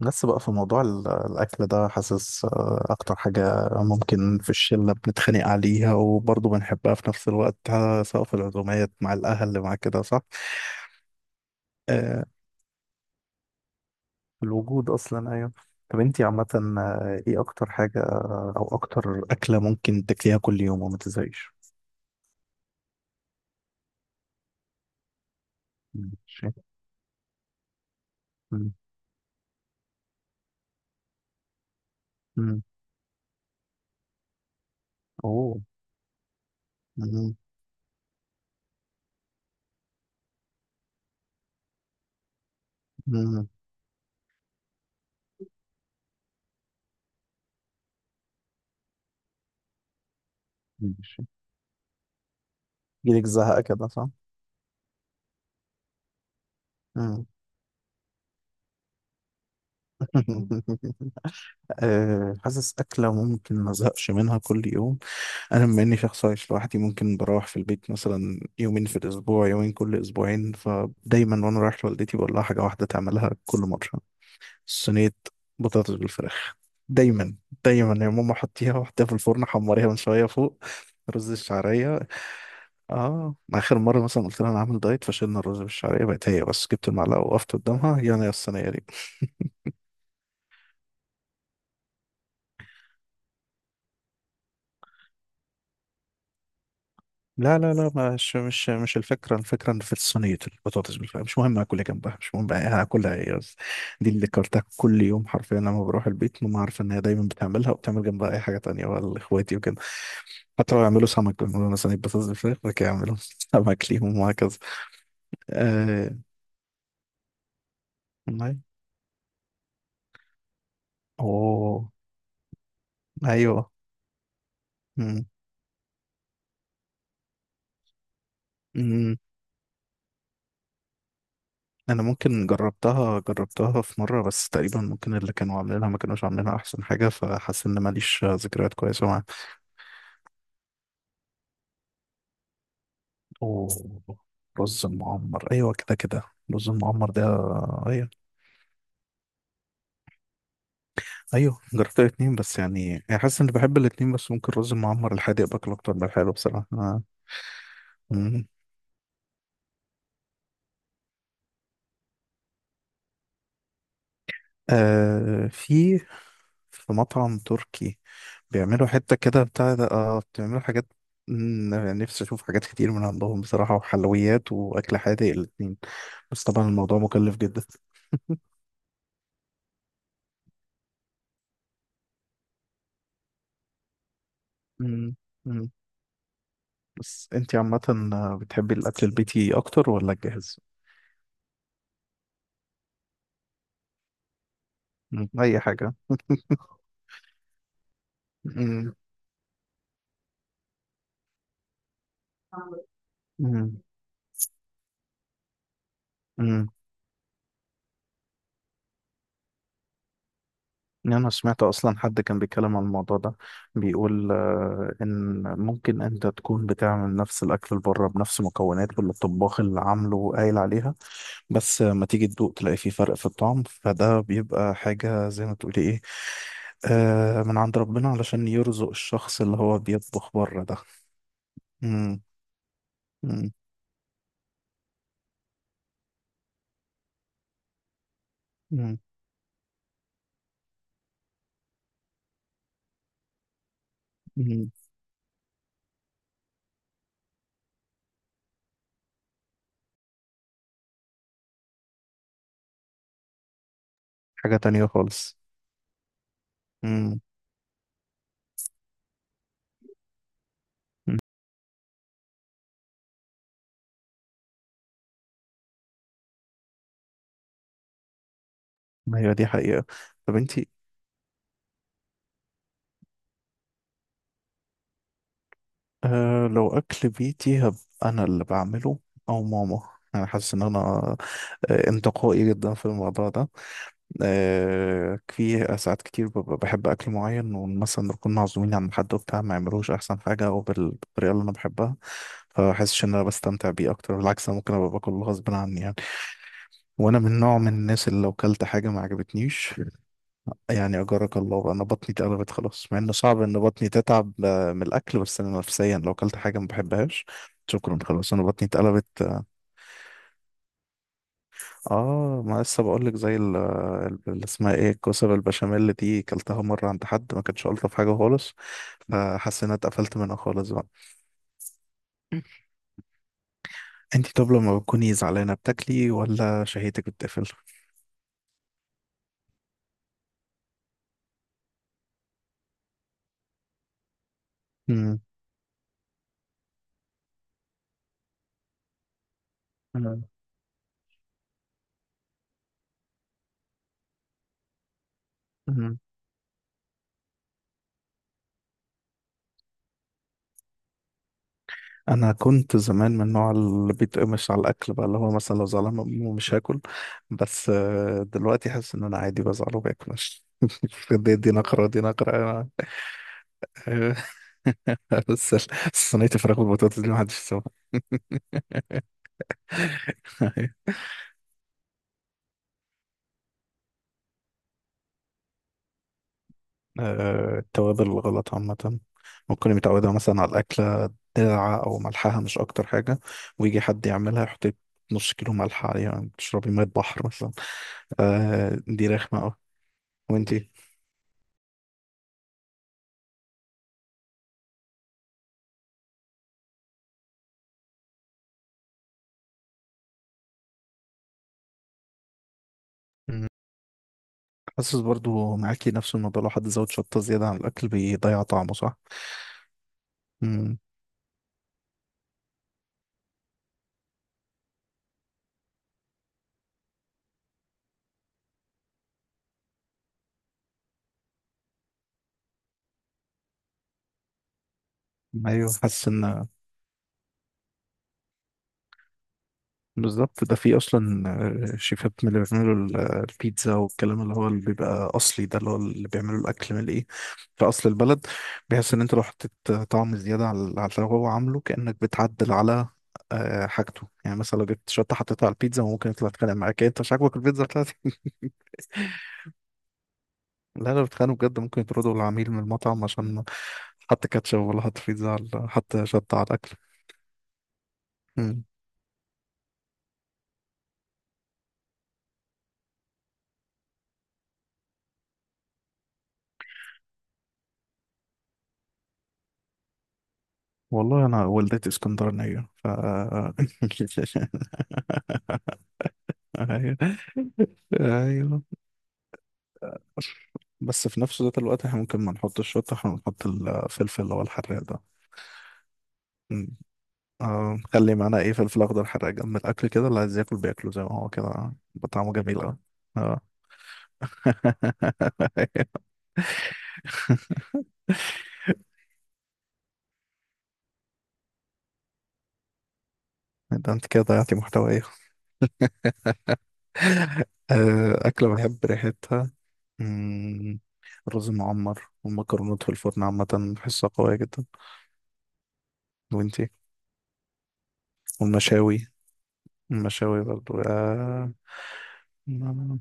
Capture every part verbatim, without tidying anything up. بس بقى في موضوع ال- الأكل ده، حاسس، آه، أكتر حاجة ممكن في الشلة بنتخانق عليها وبرضه بنحبها في نفس الوقت، آه، سواء في العزومات مع الأهل مع كده، صح؟ آه، الوجود أصلا. أيوه. طب أنتي عامة، آه، إيه أكتر حاجة أو أكتر أكلة ممكن تاكليها كل يوم وما تزهقيش؟ ماشي. مم. مم. أوه. مم. مم. ماشي. يجيلك زهق كده، صح؟ مم. آه، حاسس أكلة ممكن ما أزهقش منها كل يوم. انا بما اني شخص عايش لوحدي، ممكن بروح في البيت مثلا يومين في الاسبوع، يومين كل اسبوعين، فدايما وانا رايح لوالدتي بقول لها حاجه واحده تعملها كل مره: صينيه بطاطس بالفراخ. دايما. دايما يا ماما، حطيها وحطيها في الفرن، حمريها من شويه فوق. رز الشعريه. اه، اخر مره مثلا قلت لها انا عامل دايت، فشلنا الرز بالشعريه، بقت هي بس جبت المعلقه وقفت قدامها، يلا يا الصينيه دي. لا لا لا، مش مش مش الفكرة، الفكرة إن في صينية البطاطس بالفعل، مش مهم اكل إيه جنبها، مش مهم بقى هاكلها ايه، بس دي اللي كرتها كل يوم حرفيا. لما بروح البيت، ماما عارفة ان هي دايما بتعملها، وبتعمل جنبها اي حاجة تانية بقى، اخواتي وكده، حتى لو يعملوا سمك بيعملوا مثلا بطاطس بالفراخ، بعد كده يعملوا سمك ليهم وهكذا. آه. والله. اوه. ايوه. مم. مم. انا ممكن جربتها جربتها في مره، بس تقريبا ممكن اللي كانوا عاملينها ما كانوش عاملينها احسن حاجه، فحاسس ان ماليش ذكريات كويسه معاها. اوه. رز المعمر، ايوه، كده كده. رز المعمر ده؟ ايوه. ايوه جربت الاتنين، بس يعني يعني حاسس اني بحب الاتنين، بس ممكن الرز المعمر الحادق باكله اكتر من الحلو بصراحه آه. مم. آه، في في مطعم تركي بيعملوا حته كده بتاع ده، اه بيعملوا حاجات. مم، يعني نفسي اشوف حاجات كتير من عندهم بصراحه، وحلويات واكل حادق الاتنين. بس طبعا الموضوع مكلف جدا. مم. مم. بس انتي عامه، بتحبي الاكل البيتي اكتر ولا الجاهز؟ مم. أي حاجة. مم. مم. مم. يعني أنا سمعت أصلا حد كان بيتكلم عن الموضوع ده، بيقول، آه، إن ممكن أنت تكون بتعمل نفس الأكل اللي بره بنفس مكونات، واللي الطباخ اللي عامله قايل عليها، بس آه، ما تيجي تدوق تلاقي فيه فرق في الطعم، فده بيبقى حاجة زي ما تقولي إيه، آه، من عند ربنا علشان يرزق الشخص اللي هو بيطبخ بره ده. مم. مم. مم. مم. حاجة تانية خالص. مم. مم. أيوة دي حقيقة. طب أنت، أه لو أكل بيتي، هب أنا اللي بعمله، أو ماما. أنا حاسس إن أنا، آه، انتقائي جدا في الموضوع ده. أه، في ساعات كتير ببقى بحب أكل معين، ومثلا نكون معزومين عند حد وبتاع، ما يعملوش أحسن حاجة أو بال- بالطريقة اللي أنا بحبها، فحاسس إن أنا بستمتع بيه أكتر. بالعكس، أنا ممكن أبقى باكل غصب عني يعني، وأنا من نوع من الناس اللي لو كلت حاجة ما عجبتنيش، يعني أجرك الله أنا بطني اتقلبت خلاص، مع إنه صعب إن بطني تتعب، آه، من الأكل، بس أنا نفسيا لو أكلت حاجة ما بحبهاش، شكرا خلاص أنا بطني اتقلبت. آه، ما لسه بقول لك، زي ال- ال- اللي اسمها إيه، الكوسة البشاميل دي، كلتها مرة عند حد ما كانتش ألطف حاجة خالص، فحاسس إن أنا اتقفلت منها خالص بقى. أنت، طب لما بتكوني زعلانة بتاكلي ولا شهيتك بتقفل؟ مم. انا كنت زمان من النوع اللي بيتقمش على الاكل بقى، اللي هو مثلا لو زعلان من امه مش هاكل، بس آه، دلوقتي حاسس ان انا عادي بزعل وباكل. مش دي دي نقرة، دي نقرة. بس ال- صينية الفراخ والبطاطس دي محدش يسويها. آه، التوابل الغلط عامة، ممكن متعودة مثلا على الأكلة ساعة، أو ملحها مش أكتر حاجة، ويجي حد يعملها يحط لك نص كيلو ملح عليها، يعني تشربي مية بحر مثلا. آه، دي رخمة أوي. وأنتي؟ حاسس برضو معاكي نفس الموضوع، لو حد زود شطة زيادة عن الأكل بيضيع طعمه، صح؟ امم أيوه، حاسس إن بالظبط، ده في أصلا آه، شيفات من اللي بيعملوا ال- آه، البيتزا والكلام، اللي هو اللي بيبقى أصلي ده، اللي هو اللي بيعملوا الأكل من إيه، في أصل البلد، بيحس إن أنت لو حطيت طعم زيادة على على اللي هو عامله، كأنك بتعدل على، آه، حاجته، يعني مثلا لو جبت شطة حطيتها على البيتزا، ممكن يطلع يتخانق معاك، إيه، أنت مش عاجبك البيتزا بتاعتي. لا، لو بيتخانقوا بجد ممكن يطردوا العميل من المطعم عشان حط كاتشب، ولا حط بيتزا على، حط شطة على الأكل. مم. والله أنا والدتي اسكندرانية ف. أيوه. أيوه. بس في نفس ذات الوقت، احنا ممكن ما نحطش الشطة، احنا نحط الفلفل اللي هو الحراق ده. مم. آه، خلي معانا ايه فلفل أخضر حراق جنب الأكل كده، اللي عايز ياكل بياكله زي ما هو، كده بطعمه جميل أوي. اه. ده انت كده ضيعتي محتوى إيه؟ آه، أكلة بحب ريحتها؟ مم، الرز المعمر والمكرونات في الفرن عامة، بحسها قوية جدا. وانتي؟ والمشاوي. المشاوي برضو، آه، مم،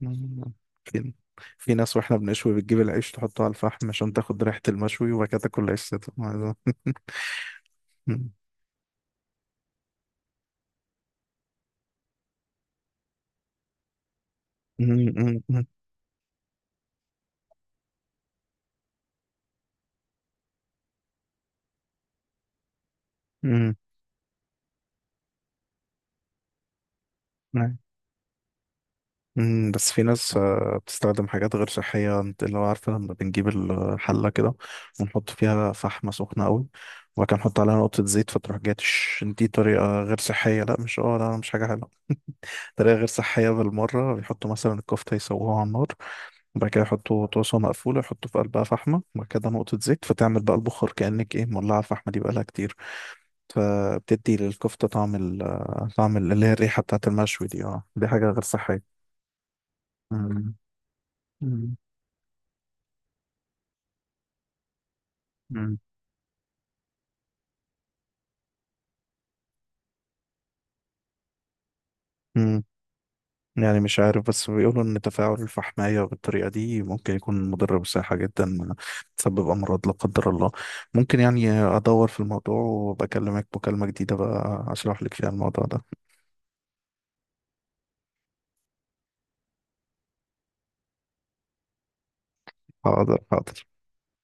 مم. في في ناس واحنا بنشوي بتجيب العيش تحطه على الفحم عشان تاخد ريحة المشوي، وبعد كده تاكل العيش سادة. مم. مم. مم. مم. مم، بس في ناس، آه، بتستخدم حاجات غير صحية، انت اللي هو عارفة، لما بنجيب الحلة كده ونحط فيها فحمة سخنة قوي، وبعد كده نحط عليها نقطة زيت فتروح جاية تش، دي طريقة غير صحية. لا مش، اه لا مش حاجة حلوة. طريقة غير صحية بالمرة، بيحطوا مثلا الكفتة يسووها على النار، وبعد كده يحطوا طاسة مقفولة، يحطوا في قلبها فحمة، وبعد كده نقطة زيت، فتعمل بقى البخار، كأنك ايه مولعة الفحمة دي بقالها كتير، فبتدي للكفتة طعم ال طعم، اللي هي الريحة بتاعت المشوي دي. اه دي حاجة غير صحية. مم. مم. مم. يعني مش عارف، بس بيقولوا ان تفاعل الفحمية بالطريقة دي ممكن يكون مضر بصحة جدا، تسبب امراض لا قدر الله. ممكن يعني ادور في الموضوع، وبكلمك مكالمة جديدة بقى اشرح لك فيها الموضوع ده. حاضر. حاضر.